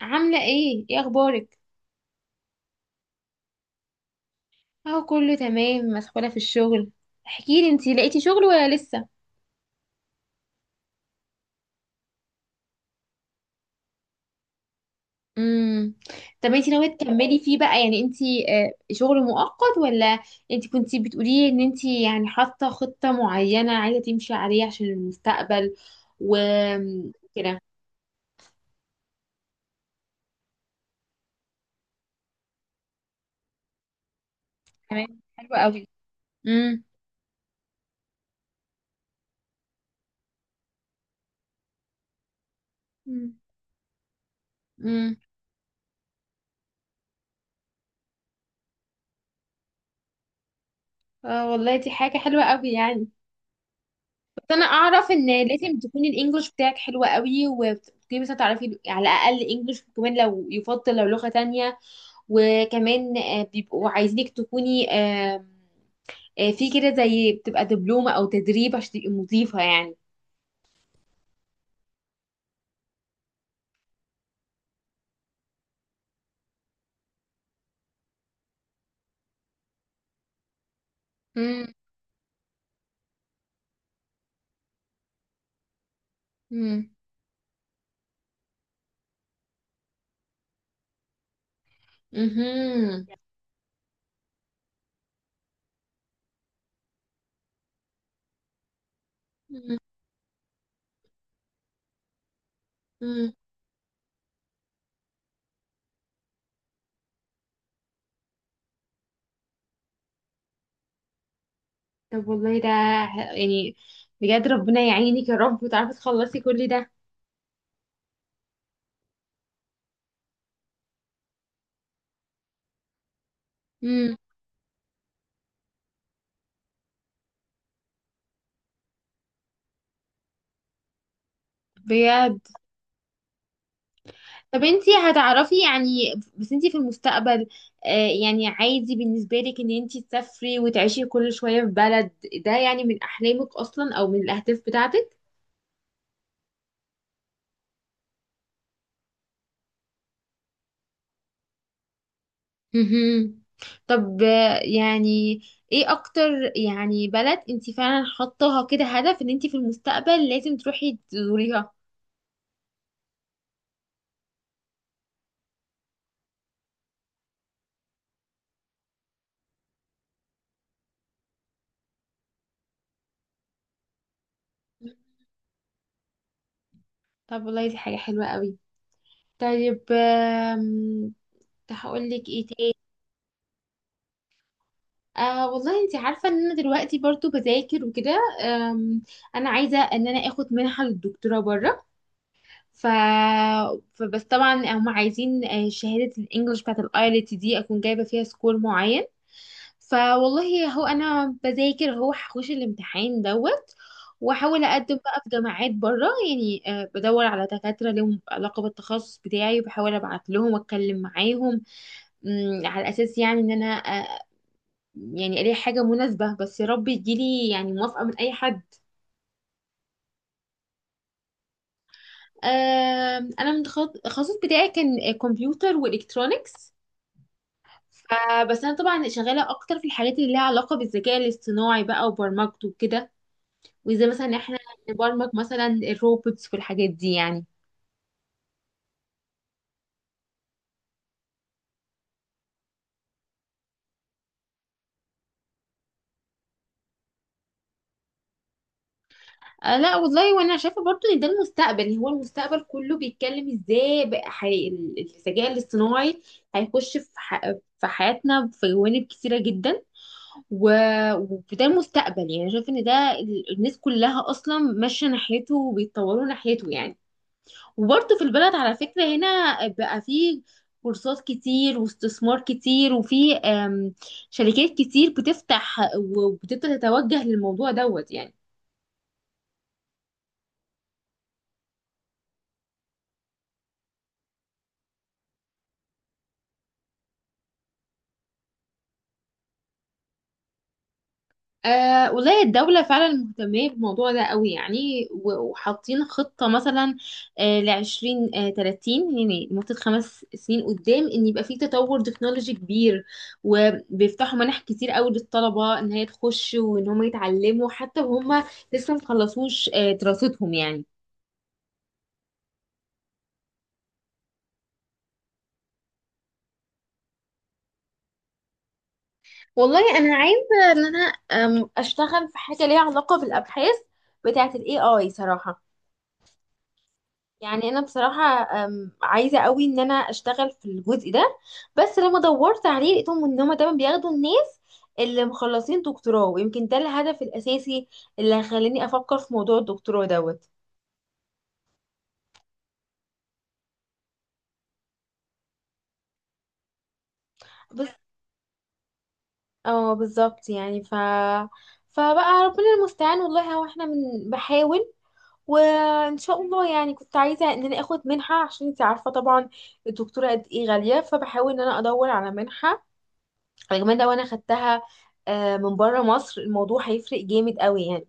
عاملة ايه، ايه اخبارك؟ اهو كله تمام، مسحولة في الشغل. احكيلي، انتي لقيتي شغل ولا لسه؟ امم. طب انتي ناوية تكملي فيه بقى؟ يعني انتي، شغل مؤقت ولا؟ انتي كنتي بتقولي ان انتي يعني حاطة خطة معينة عايزة تمشي عليها عشان المستقبل وكده. تمام، حلوة قوي. امم. امم. اه، والله دي حاجة حلوة قوي يعني. بس انا اعرف ان لازم تكون الانجليش بتاعك حلو قوي، وتكوني مثلا تعرفي على الاقل انجليش، وكمان لو يفضل لو لغة تانية. وكمان، بيبقوا عايزينك تكوني، في كده زي بتبقى دبلومة او تدريب عشان تبقي مضيفة يعني. امم. امم. مهم. مهم. مهم. طب والله ده، يعني بجد ربنا يعينك يا رب وتعرفي تخلصي كل ده. امم. طب انتي هتعرفي، يعني بس انتي في المستقبل، يعني عادي بالنسبة لك ان انتي تسافري وتعيشي كل شوية في بلد؟ ده يعني من احلامك اصلا او من الاهداف بتاعتك؟ مهم. طب، يعني ايه اكتر يعني بلد انتي فعلا حطاها كده هدف ان انتي في المستقبل لازم تروحي تزوريها؟ طب والله دي حاجة حلوة قوي. طيب، هقول لك ايه تاني؟ والله انت عارفة ان انا دلوقتي برضو بذاكر وكده، انا عايزة ان انا اخد منحة للدكتوراه بره. ف... فبس طبعا هم عايزين، شهادة الانجليش بتاعت الايلت دي اكون جايبة فيها سكور معين. فوالله، هو انا بذاكر، هو هخش الامتحان دوت، واحاول اقدم بقى في جامعات بره يعني. بدور على دكاتره لهم علاقه بالتخصص بتاعي وبحاول ابعت لهم واتكلم معاهم، على اساس يعني ان انا، يعني الاقي حاجه مناسبه. بس يا رب يجيلي يعني موافقه من اي حد. انا من التخصص بتاعي كان كمبيوتر والكترونكس. فبس انا طبعا شغاله اكتر في الحاجات اللي ليها علاقه بالذكاء الاصطناعي بقى، وبرمجته وكده، وازاي مثلا احنا نبرمج مثلا الروبوتس والحاجات دي يعني. آه لا والله، وانا شايفه برضو ان ده المستقبل. هو المستقبل كله بيتكلم ازاي بقى، الذكاء الاصطناعي هيخش في، في حياتنا، في جوانب كتيره جدا، و... وده المستقبل. يعني شايف ان ده، الناس كلها اصلا ماشيه ناحيته وبيتطوروا ناحيته يعني. وبرضه في البلد على فكره هنا بقى فيه كورسات كتير واستثمار كتير، وفي، شركات كتير بتفتح وبتبدا تتوجه للموضوع دوت يعني. أه والله الدولة فعلا مهتمة بالموضوع ده قوي يعني، وحاطين خطة مثلا، لـ20، 30، يعني لمدة 5 سنين قدام، إن يبقى في تطور تكنولوجي كبير. وبيفتحوا منح كتير قوي للطلبة، إن هي تخش وإن هم يتعلموا حتى وهم لسه مخلصوش، دراستهم يعني. والله أنا عايزة إن أنا، أشتغل في حاجة ليها علاقة بالأبحاث بتاعة ال AI صراحة. يعني انا بصراحه، عايزه قوي ان انا اشتغل في الجزء ده. بس لما دورت عليه لقيتهم ان هم دايما بياخدوا الناس اللي مخلصين دكتوراه، ويمكن ده الهدف الاساسي اللي خلاني افكر في موضوع الدكتوراه دوت. بس اه، بالظبط يعني، فبقى ربنا المستعان. والله هو احنا من بحاول، وان شاء الله يعني. كنت عايزه ان انا اخد منحه، عشان انت عارفه طبعا الدكتوره قد ايه غاليه. فبحاول ان انا ادور على منحه، كمان لو انا خدتها، من بره مصر الموضوع هيفرق جامد قوي يعني.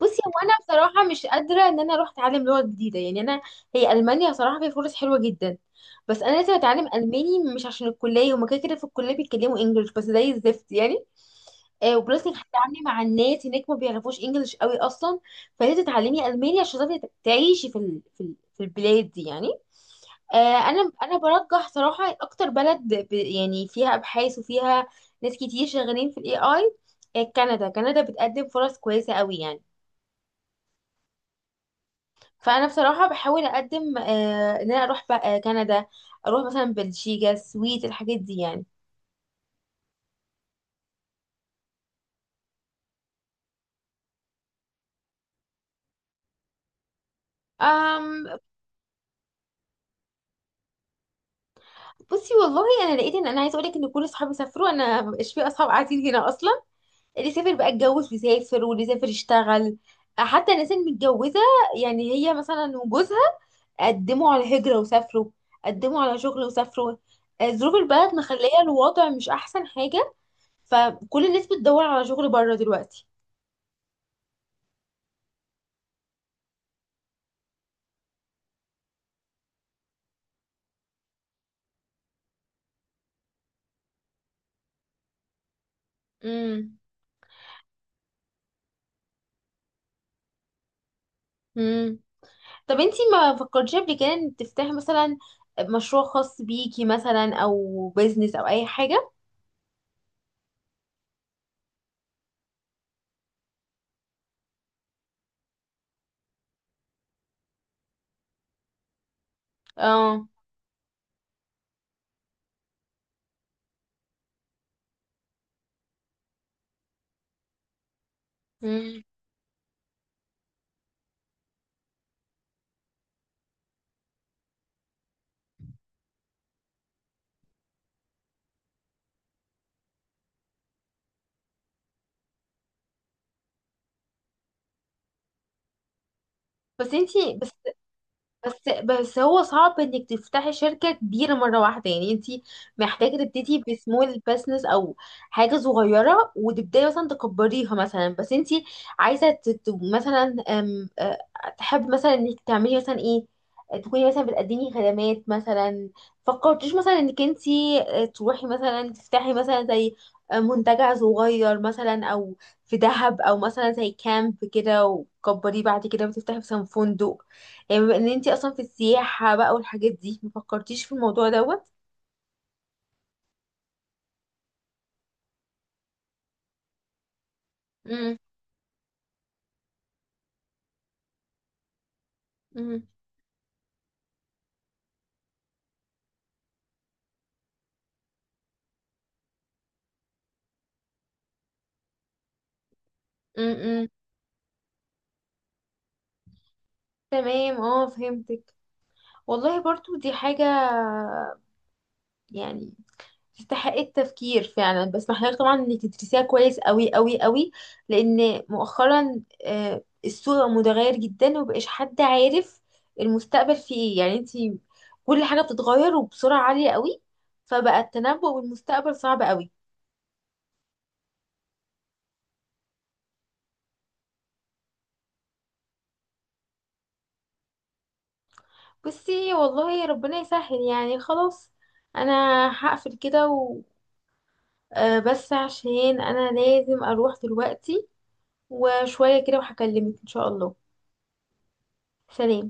بصي، هو انا بصراحه مش قادره ان انا اروح اتعلم لغه جديده يعني. انا، هي المانيا بصراحه فيها فرص حلوه جدا، بس انا لازم اتعلم الماني، مش عشان الكليه، هما كده كده في الكليه بيتكلموا انجلش بس زي الزفت يعني. وبلس انك هتتعاملي مع الناس هناك ما بيعرفوش انجلش قوي اصلا. فلازم تتعلمي الماني عشان تعرفي تعيشي في في البلاد دي يعني. انا برجح صراحه اكتر بلد، يعني فيها ابحاث وفيها ناس كتير شغالين في الاي اي. كندا بتقدم فرص كويسه قوي يعني. فانا بصراحه بحاول اقدم، ان انا اروح بقى كندا، اروح مثلا بلجيكا، السويد، الحاجات دي يعني. أم. بصي والله، انا لقيت ان انا عايزه اقول لك ان كل اصحابي سافروا. انا مبقاش في اصحاب قاعدين هنا اصلا. اللي سافر بقى اتجوز بيسافر، واللي سافر يشتغل. حتى الناس المتجوزه، يعني هي مثلا وجوزها قدموا على هجره وسافروا، قدموا على شغل وسافروا. ظروف البلد مخليه الوضع مش احسن حاجه. فكل الناس بتدور على شغل بره دلوقتي. امم. طب انتي ما فكرتيش قبل كده ان تفتحي مثلا مشروع خاص بيكي، مثلا، او بيزنس، او اي حاجة؟ اه. مم. بس انتي بس بس بس هو صعب انك تفتحي شركة كبيرة مرة واحدة. يعني انتي محتاجة تبتدي بسمول بزنس، او حاجة صغيرة، وتبداي مثلا تكبريها مثلا. بس انتي عايزة، مثلا، أم... أه، تحب مثلا انك تعملي مثلا ايه، تكوني مثلا بتقدمي خدمات مثلا؟ فكرتيش مثلا انك انتي، تروحي مثلا تفتحي مثلا زي، منتجع صغير مثلا، او في دهب، او مثلا زي كامب كده، وتكبريه بعد كده وتفتحي مثلا فندق، يعني بما ان انتي اصلا في السياحة بقى والحاجات دي؟ ما فكرتيش في الموضوع دوت؟ امم. امم. امم. تمام، اه فهمتك. والله برضو دي حاجة يعني تستحق التفكير فعلا، بس محتاجة طبعا انك تدرسيها كويس قوي قوي قوي. لان مؤخرا، السوق متغير جدا، ومبقاش حد عارف المستقبل فيه ايه يعني. انتي، كل حاجة بتتغير وبسرعة عالية قوي. فبقى التنبؤ بالمستقبل صعب قوي. بصي والله ربنا يسهل يعني. خلاص، انا هقفل كده، بس عشان انا لازم اروح دلوقتي، وشوية كده وهكلمك ان شاء الله. سلام.